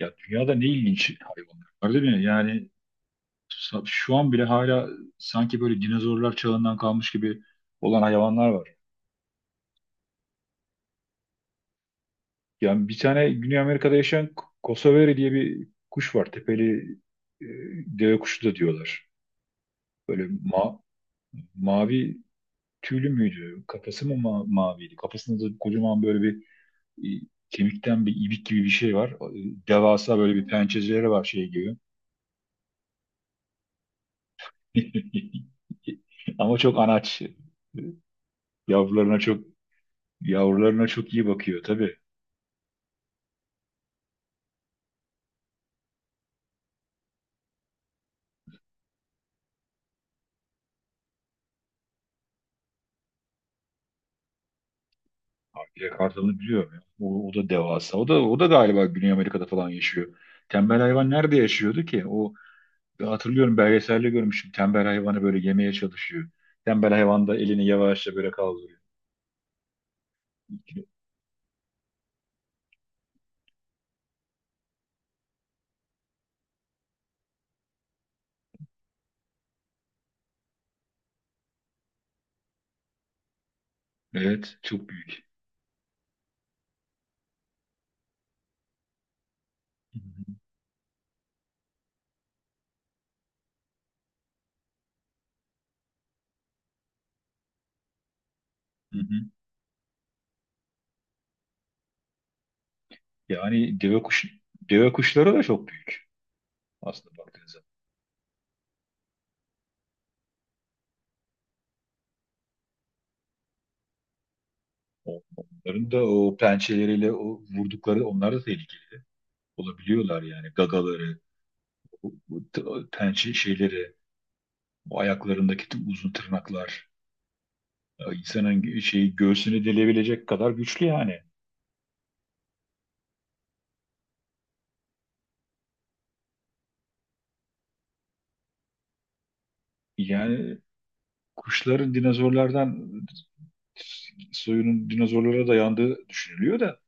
Ya dünyada ne ilginç hayvanlar var değil mi? Şu an bile hala sanki böyle dinozorlar çağından kalmış gibi olan hayvanlar var. Yani bir tane Güney Amerika'da yaşayan Kosovari diye bir kuş var. Tepeli e, deve kuşu da diyorlar. Böyle ma Mavi tüylü müydü? Kafası mı maviydi? Kafasında da kocaman böyle bir e, kemikten bir ibik gibi bir şey var. Devasa böyle bir pençeleri var şey gibi. Ama çok anaç. Yavrularına çok yavrularına çok iyi bakıyor tabii. Avcıya kartalını biliyorum ya. O da devasa. O da galiba Güney Amerika'da falan yaşıyor. Tembel hayvan nerede yaşıyordu ki? O ben hatırlıyorum belgeselde görmüştüm. Tembel hayvanı böyle yemeye çalışıyor. Tembel hayvan da elini yavaşça böyle kaldırıyor. Evet, çok büyük. Hı hı. Yani deve kuş Deve kuşları da çok büyük aslında baktığınız zaman. Onların da o pençeleriyle o vurdukları onlar da tehlikeli olabiliyorlar yani gagaları, bu t- pençe şeyleri, bu ayaklarındaki uzun tırnaklar ya insanın gö- şeyi göğsünü delebilecek kadar güçlü yani. Yani kuşların dinozorlardan soyunun dinozorlara dayandığı düşünülüyor da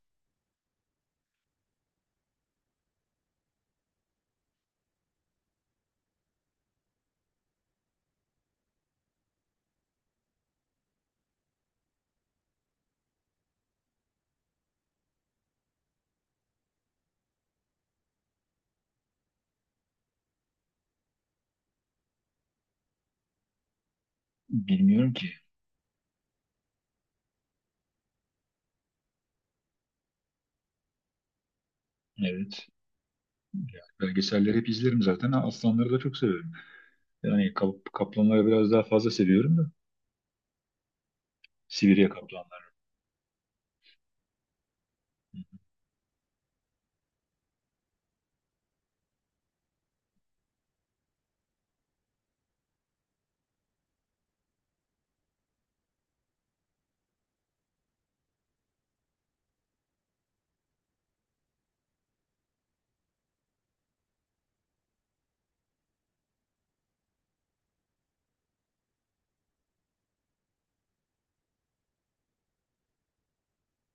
bilmiyorum ki. Evet. Yani belgeselleri hep izlerim zaten. Aslanları da çok severim. Yani kaplanları biraz daha fazla seviyorum da. Sibirya kaplanları.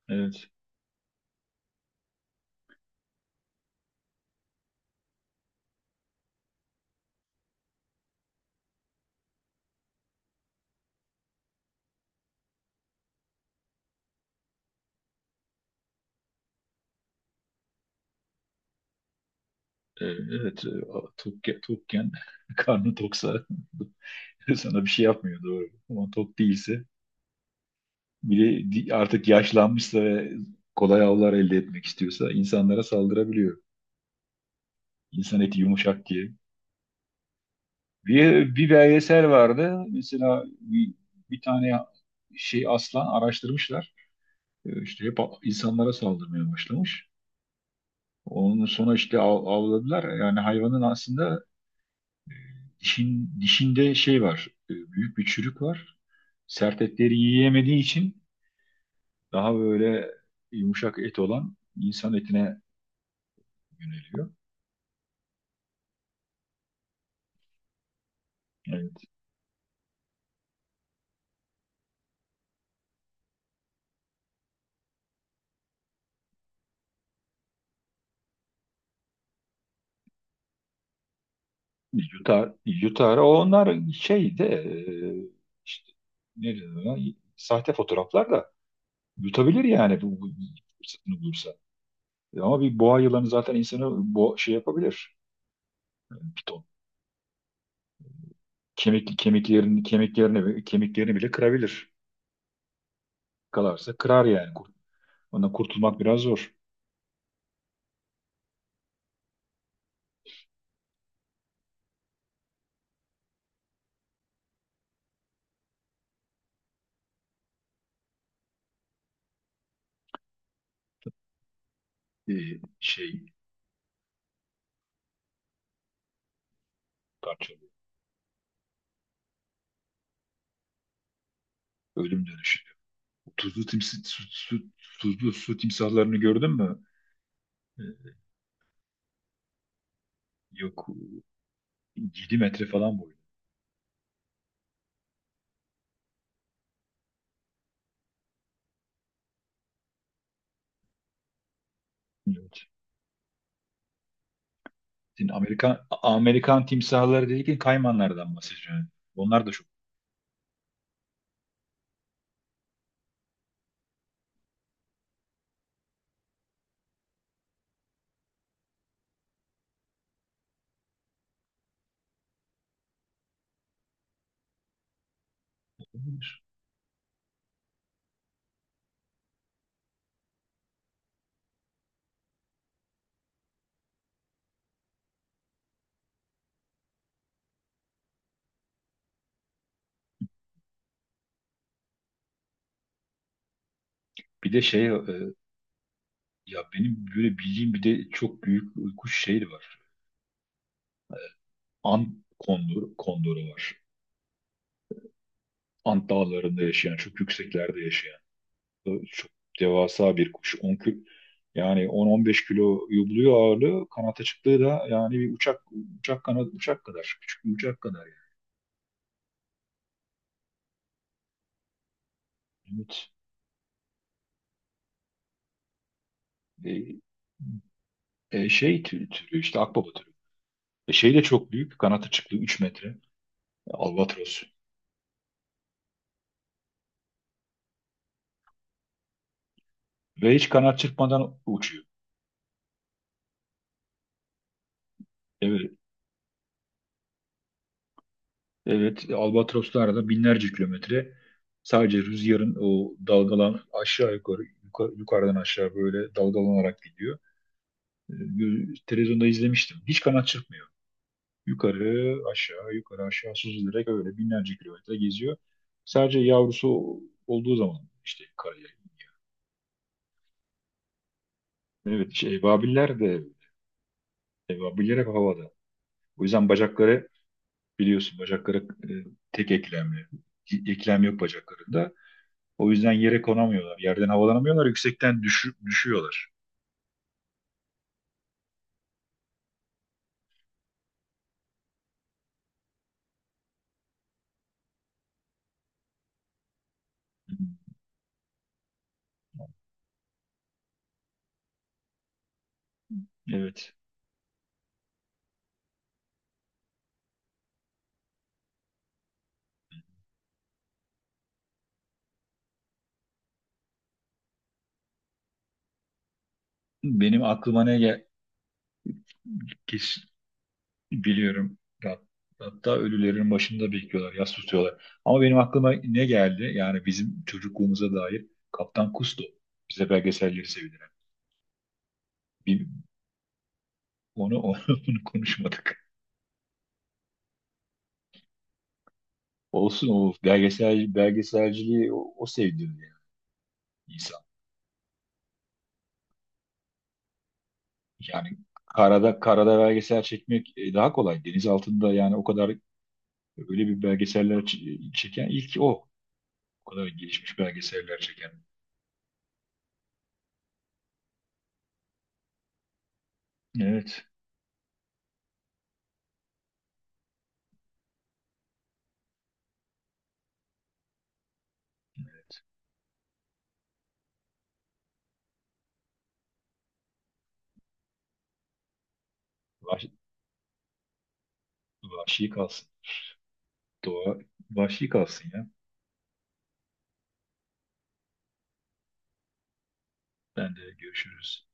Evet. Evet. Tok, Tokken karnı toksa sana bir şey yapmıyor doğru. Ama tok değilse artık yaşlanmışsa ve kolay avlar elde etmek istiyorsa insanlara saldırabiliyor. İnsan eti yumuşak diye. Bir belgesel vardı. Mesela bir tane şey aslan araştırmışlar. İşte hep insanlara saldırmaya başlamış. Onun sonuçta avladılar. Yani hayvanın aslında dişinde şey var. Büyük bir çürük var. Sert etleri yiyemediği için daha böyle yumuşak et olan insan etine yöneliyor. Evet. Yutar, yutar. Onlar şey de e, işte ne denir ona? Sahte fotoğraflar da yutabilir yani bu fırsatını bulursa. Ama bir boğa yılanı zaten insanı şey yapabilir. Yani piton kemik kemiklerini bile kırabilir. Kalarsa kırar yani. Ondan kurtulmak biraz zor. Ee, şey Parçalı. Ölüm dönüşü. Tuzlu timsi, su, su, Tuzlu su timsahlarını gördün mü? Ee, Yok, 7 metre falan boyu. Yok. Şimdi Amerikan timsahları dedikken kaymanlardan bahsediyorum. Onlar da çok olabilir. Bir de şey e, Ya benim böyle bildiğim bir de çok büyük kuş şeyi var. Kondoru var. Ant dağlarında yaşayan, çok yükseklerde yaşayan, çok devasa bir kuş. 10 kilo, yani 10-15 kiloyu buluyor ağırlığı. Kanat açıklığı da yani bir uçak kadar, küçük bir uçak kadar yani. Evet. Türü işte akbaba türü. Şey de çok büyük. Kanat açıklığı 3 metre. Albatros. Ve hiç kanat çırpmadan uçuyor. Evet. Evet, Albatroslarla binlerce kilometre sadece rüzgarın o dalgalan aşağı yukarıdan aşağı böyle dalgalanarak gidiyor. Televizyonda izlemiştim. Hiç kanat çırpmıyor. Yukarı aşağı süzülerek öyle binlerce kilometre geziyor. Sadece yavrusu olduğu zaman işte karaya. Evet, şey, ebabiller hep havada. O yüzden bacakları biliyorsun bacakları e, tek eklemli. Eklem yok bacaklarında. O yüzden yere konamıyorlar. Yerden havalanamıyorlar. Yüksekten düşüyorlar. Evet. Benim aklıma ne gel kes- Biliyorum. Hatta ölülerin başında bekliyorlar. Yas tutuyorlar. Ama benim aklıma ne geldi? Yani bizim çocukluğumuza dair Kaptan Kusto. Bize belgeselleri sevdiren. Bir, onu konuşmadık. Olsun o belgeselciliği o sevdirdi yani insan. Yani karada belgesel çekmek daha kolay. Deniz altında yani o kadar öyle bir belgeseller çeken ilk o. O kadar gelişmiş belgeseller çeken. Evet. Vahşi, Vahşi kalsın. Doğa vahşi kalsın ya. Ben de görüşürüz.